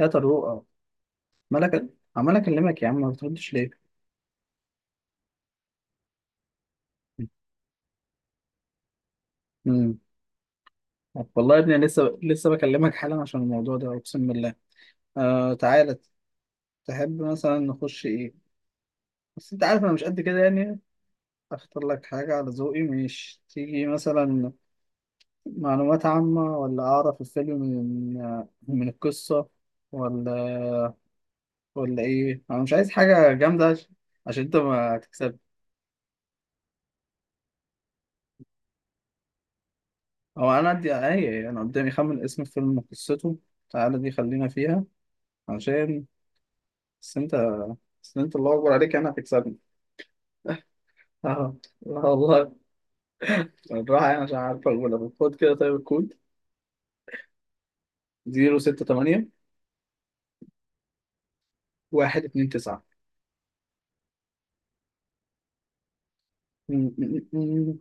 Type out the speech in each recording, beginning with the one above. يا طارق مالك. عمال اكلمك يا عم، ما بتردش ليه؟ امم والله يا ابني أنا لسه بكلمك حالا عشان الموضوع ده، اقسم بالله. آه، تعالى. تحب مثلا نخش ايه؟ بس انت عارف انا مش قد كده يعني. اختار لك حاجة على ذوقي، مش تيجي مثلا معلومات عامة، ولا اعرف الفيلم من من القصة، ولا ولا ايه؟ انا مش عايز حاجة جامدة عشان انت ما تكسب. هو انا عندي ايه؟ انا قدامي خمن اسم الفيلم وقصته. تعالى دي خلينا فيها عشان بس انت بس انت الله اكبر عليك، انا هتكسبني. اه، لا والله. بالراحه يعني، عشان عارف اقول لك خد كده. طيب الكود: 068، 129. م- م- م-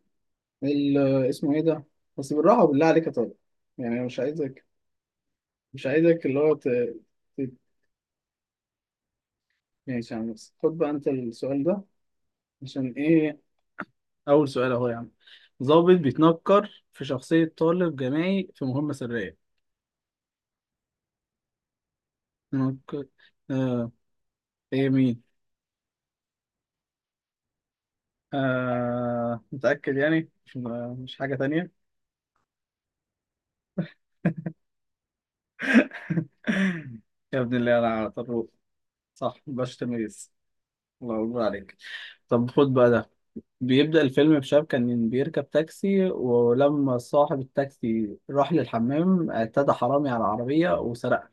ال اسمه ايه ده؟ بس بالراحه، وبالله عليك يا طارق، يعني أنا مش عايزك. مش عايزك اللي هو ت- ماشي يا عم. بس خد بقى انت السؤال ده عشان ايه. اول سؤال اهو يا عم: ضابط بيتنكر في شخصيه طالب جامعي في مهمه سريه. نك- آه. ايه، مين؟ آه، متأكد يعني؟ مش حاجة تانية؟ يا ابن الله، أنا على طروق صح باش تميز. الله أكبر عليك. طب خد بقى ده: بيبدأ الفيلم بشاب كان بيركب تاكسي، ولما صاحب التاكسي راح للحمام، اعتدى حرامي على العربية وسرقها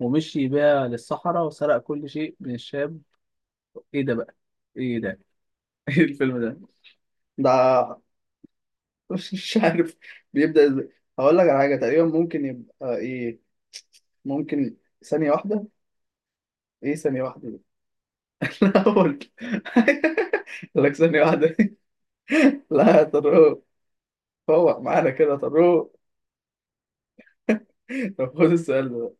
ومشي بيها للصحراء، وسرق كل شيء من الشاب. إيه ده بقى؟ إيه ده؟ إيه الفيلم ده؟ ده مش عارف بيبدأ ازاي. هقول لك على حاجة تقريبا ممكن يبقى ايه. ممكن ثانية واحدة. ايه ثانية واحدة دي؟ لا اقول. لك ثانية واحدة. لا يا طارق، فوق معانا كده يا طارق. طب خد السؤال ده: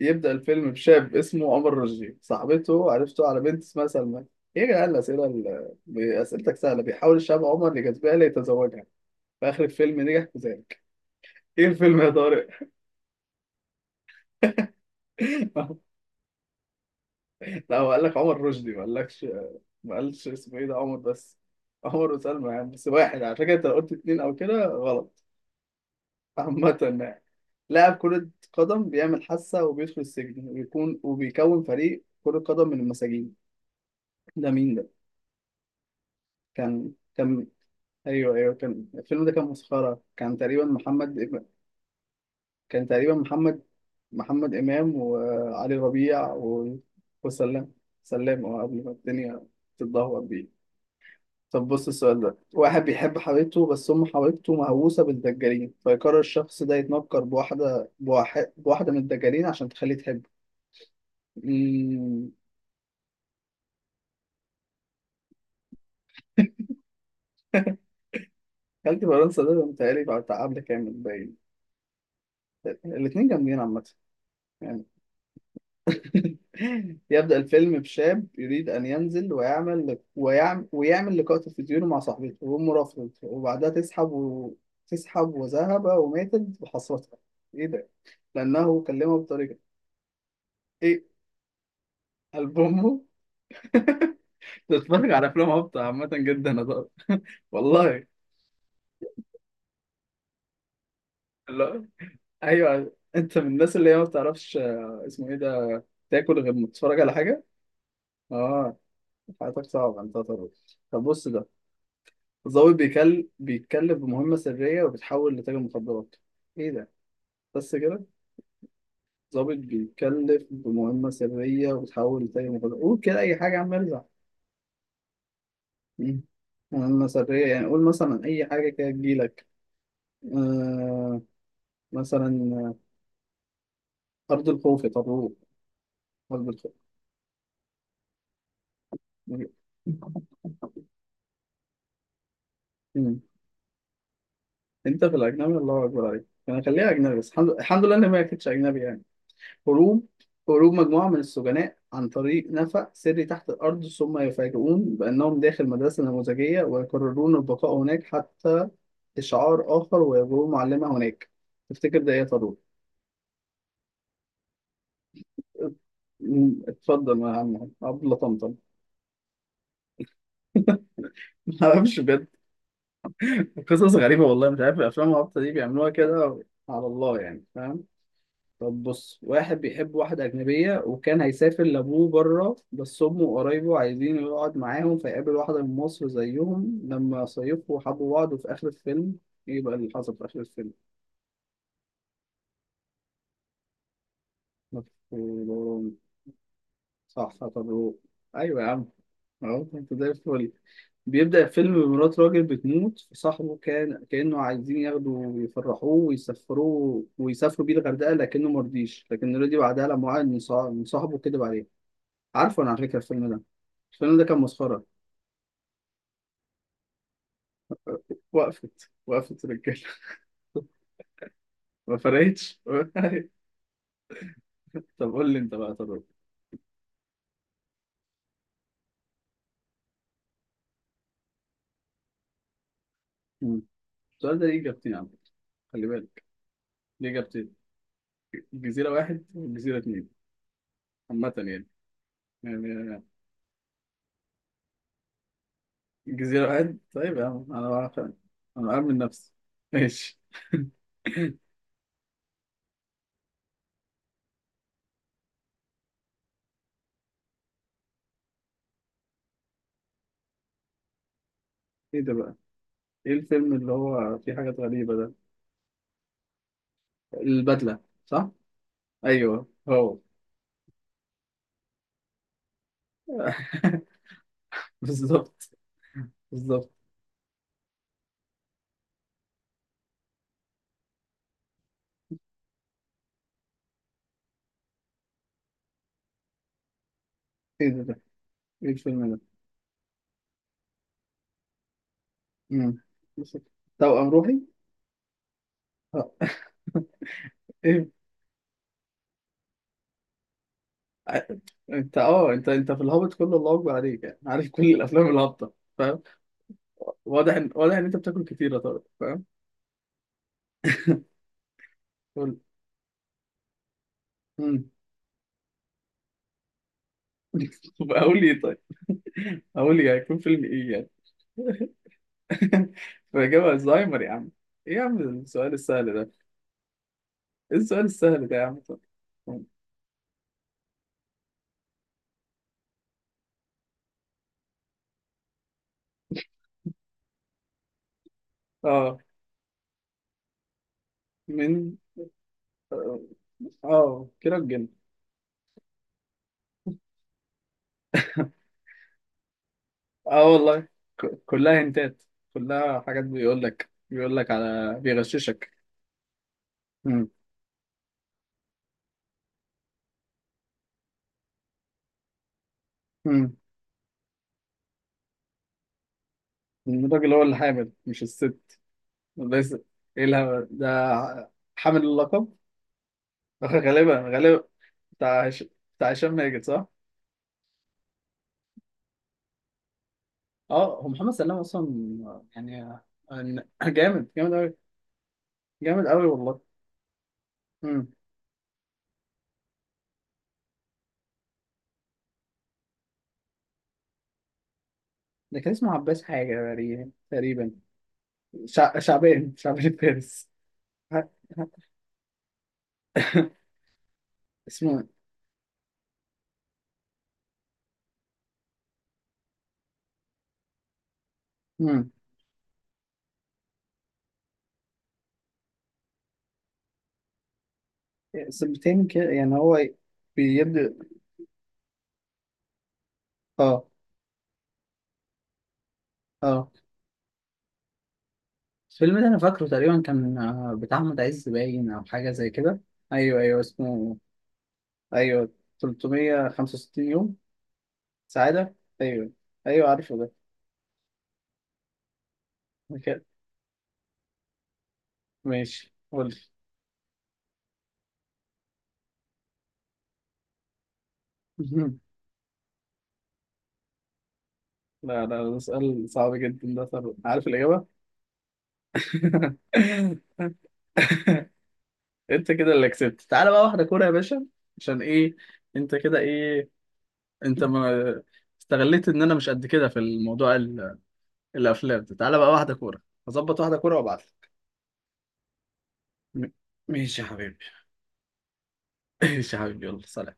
يبدأ الفيلم بشاب اسمه عمر رشدي، صاحبته عرفته على بنت اسمها سلمى. ايه يا جدعان الأسئلة أسئلتك سهلة. بيحاول الشاب عمر يجذبها ليتزوجها، في آخر الفيلم نجح في ذلك. ايه الفيلم يا طارق؟ لا، هو قال لك عمر رشدي، ما قالكش. ما قالش اسمه ايه، ده عمر بس. عمر وسلمى يعني، بس واحد على فكره، انت لو قلت اتنين او كده غلط. عامة يعني. لاعب كرة قدم بيعمل حاسة وبيدخل السجن، ويكون وبيكون فريق كرة قدم من المساجين. ده مين ده؟ كان. ايوه، ايوه، كان الفيلم ده كان مسخرة. كان تقريبا محمد كان تقريبا محمد. محمد إمام وعلي ربيع و... وسلام. سلام، اه، قبل ما الدنيا تتدهور بيه. طب بص السؤال ده: واحد بيحب حبيبته، بس أم حبيبته مهووسة بالدجالين، فيقرر الشخص ده يتنكر بواحدة من الدجالين عشان تخليه تحبه. أمم، خالتي فرنسا ده متهيألي بعد قبل كامل باين. الاتنين جامدين عامة يعني. يبدأ الفيلم بشاب يريد أن ينزل ويعمل لقاء تلفزيوني مع صاحبته، وهو مرافض، وبعدها تسحب تسحب وذهب وماتت بحسرتها. إيه ده؟ لأنه كلمها بطريقة. إيه؟ ألبومه. بتتفرج على افلام هابطه عامه جدا، هزار والله. لا، ايوه انت من الناس اللي هي ما بتعرفش اسمه ايه ده، تاكل غير ما تتفرج على حاجه. اه، حياتك صعبه انت طبعا. طب بص ده: الضابط بيتكلف بمهمه سريه وبتحول لتاجر مخدرات. ايه ده؟ بس كده. ضابط بيتكلف بمهمه سريه وبتحول لتاجر مخدرات. قول كده اي حاجه يا عم، ارزع. مم. مهمه سريه، يعني قول مثلا اي حاجه كده تجيلك. آه، مثلا. آه، ارض الخوف يا طارق، مظبوط. مم. انت في الاجنبي الله اكبر عليك. انا خليها اجنبي، بس الحمد لله ان ما كانتش اجنبي يعني. هروب. هروب مجموعه من السجناء عن طريق نفق سري تحت الارض، ثم يفاجئون بانهم داخل مدرسه نموذجيه، ويقررون البقاء هناك حتى اشعار اخر، ويجرون معلمه هناك. تفتكر ده ايه يا طارق؟ مم، اتفضل يا عم عبد الله طمطم. ما اعرفش بجد. قصص غريبه والله، مش عارف الافلام الهابطه دي بيعملوها كده على الله يعني، فاهم. طب بص: واحد بيحب واحدة أجنبية وكان هيسافر لأبوه بره، بس أمه وقرايبه عايزين يقعد معاهم، فيقابل واحدة من مصر زيهم لما صيفوا، حبوا بعض، وفي آخر الفيلم، إيه بقى اللي حصل في آخر الفيلم؟ مف- صح صح، طب هو. أيوة يا عم، أهو أنت زي الفل. بيبدأ الفيلم بمرات راجل بتموت، صاحبه كان كأنه عايزين ياخدوا ويفرحوه ويسفروه ويسافروا بيه الغردقة، لكنه مرضيش، لكن رضي بعدها لما وعد من صاحبه، كدب عليه. عارفه انا على فكره الفيلم ده. الفيلم ده كان مسخره. وقفت رجاله. ما فرقتش. طب قول لي انت بقى. طب. مم. السؤال ده ليه اجابتين عم، خلي بالك، ليه اجابتين: الجزيره واحد والجزيره اتنين، عامه يعني، يعني. الجزيره واحد، طيب يا عم انا بعرف يعني. انا مأمن نفسي، ماشي. ايه ده بقى؟ ايه الفيلم اللي هو فيه حاجات غريبه ده؟ البدله، صح. ايوه هو. بالظبط، بالظبط. ايه ده ده، ايه الفيلم ده؟ مم. بس- توأم روحي. آه. ايه. انت اه انت انت في الهابط كله الله اكبر عليك، يعني عارف كل الافلام الهابطه فاهم. واضح ان انت بتاكل كتير يا طارق، فاهم. قول. مم. طب اقول لي إيه طيب؟ اقول لي هيكون فيلم ايه يعني؟ فاجابه الزهايمر يا عم. ايه يا عم السؤال السهل ده؟ ايه السؤال السهل ده يا عم طارق؟ اه، من اه، آه، كيرة الجن. اه، والله، كلها هنتات، كلها حاجات بيقول لك، بيقول لك على بيغششك. امم امم. الراجل هو اللي حامل مش الست؟ ده يس- ايه الهبل ده؟ حامل اللقب. غالبا، غالبا. بتاع هش- بتاع هشام ماجد، صح؟ اه هو محمد سلام اصلا يعني. آه، جامد، جامد قوي. جامد قوي والله. امم، ده كان اسمه عباس حاجه تقريبا، تقريبا. شعبان فارس. اسمه إيه؟ سنتين كده يعني، هو بيبدأ. اه. اه، الفيلم ده انا فاكره تقريبا كان آه، بتاع احمد عز باين او حاجه زي كده. ايوه، ايوه، اسمه. ايوه. 365 يوم سعاده. ايوه، ايوه عارفه ده. أوكي. ماشي قول لي. لا لا، ده سؤال صعب جدا ده. طب عارف الاجابه. انت كده اللي كسبت. تعالى بقى واحده كوره يا باشا. عشان ايه؟ انت كده ايه؟ انت ما استغليت ان انا مش قد كده في الموضوع، الافلام. تعالى بقى واحده كوره. هظبط واحده كوره وابعت لك. م- ماشي يا حبيبي. ماشي يا حبيبي، يلا سلام.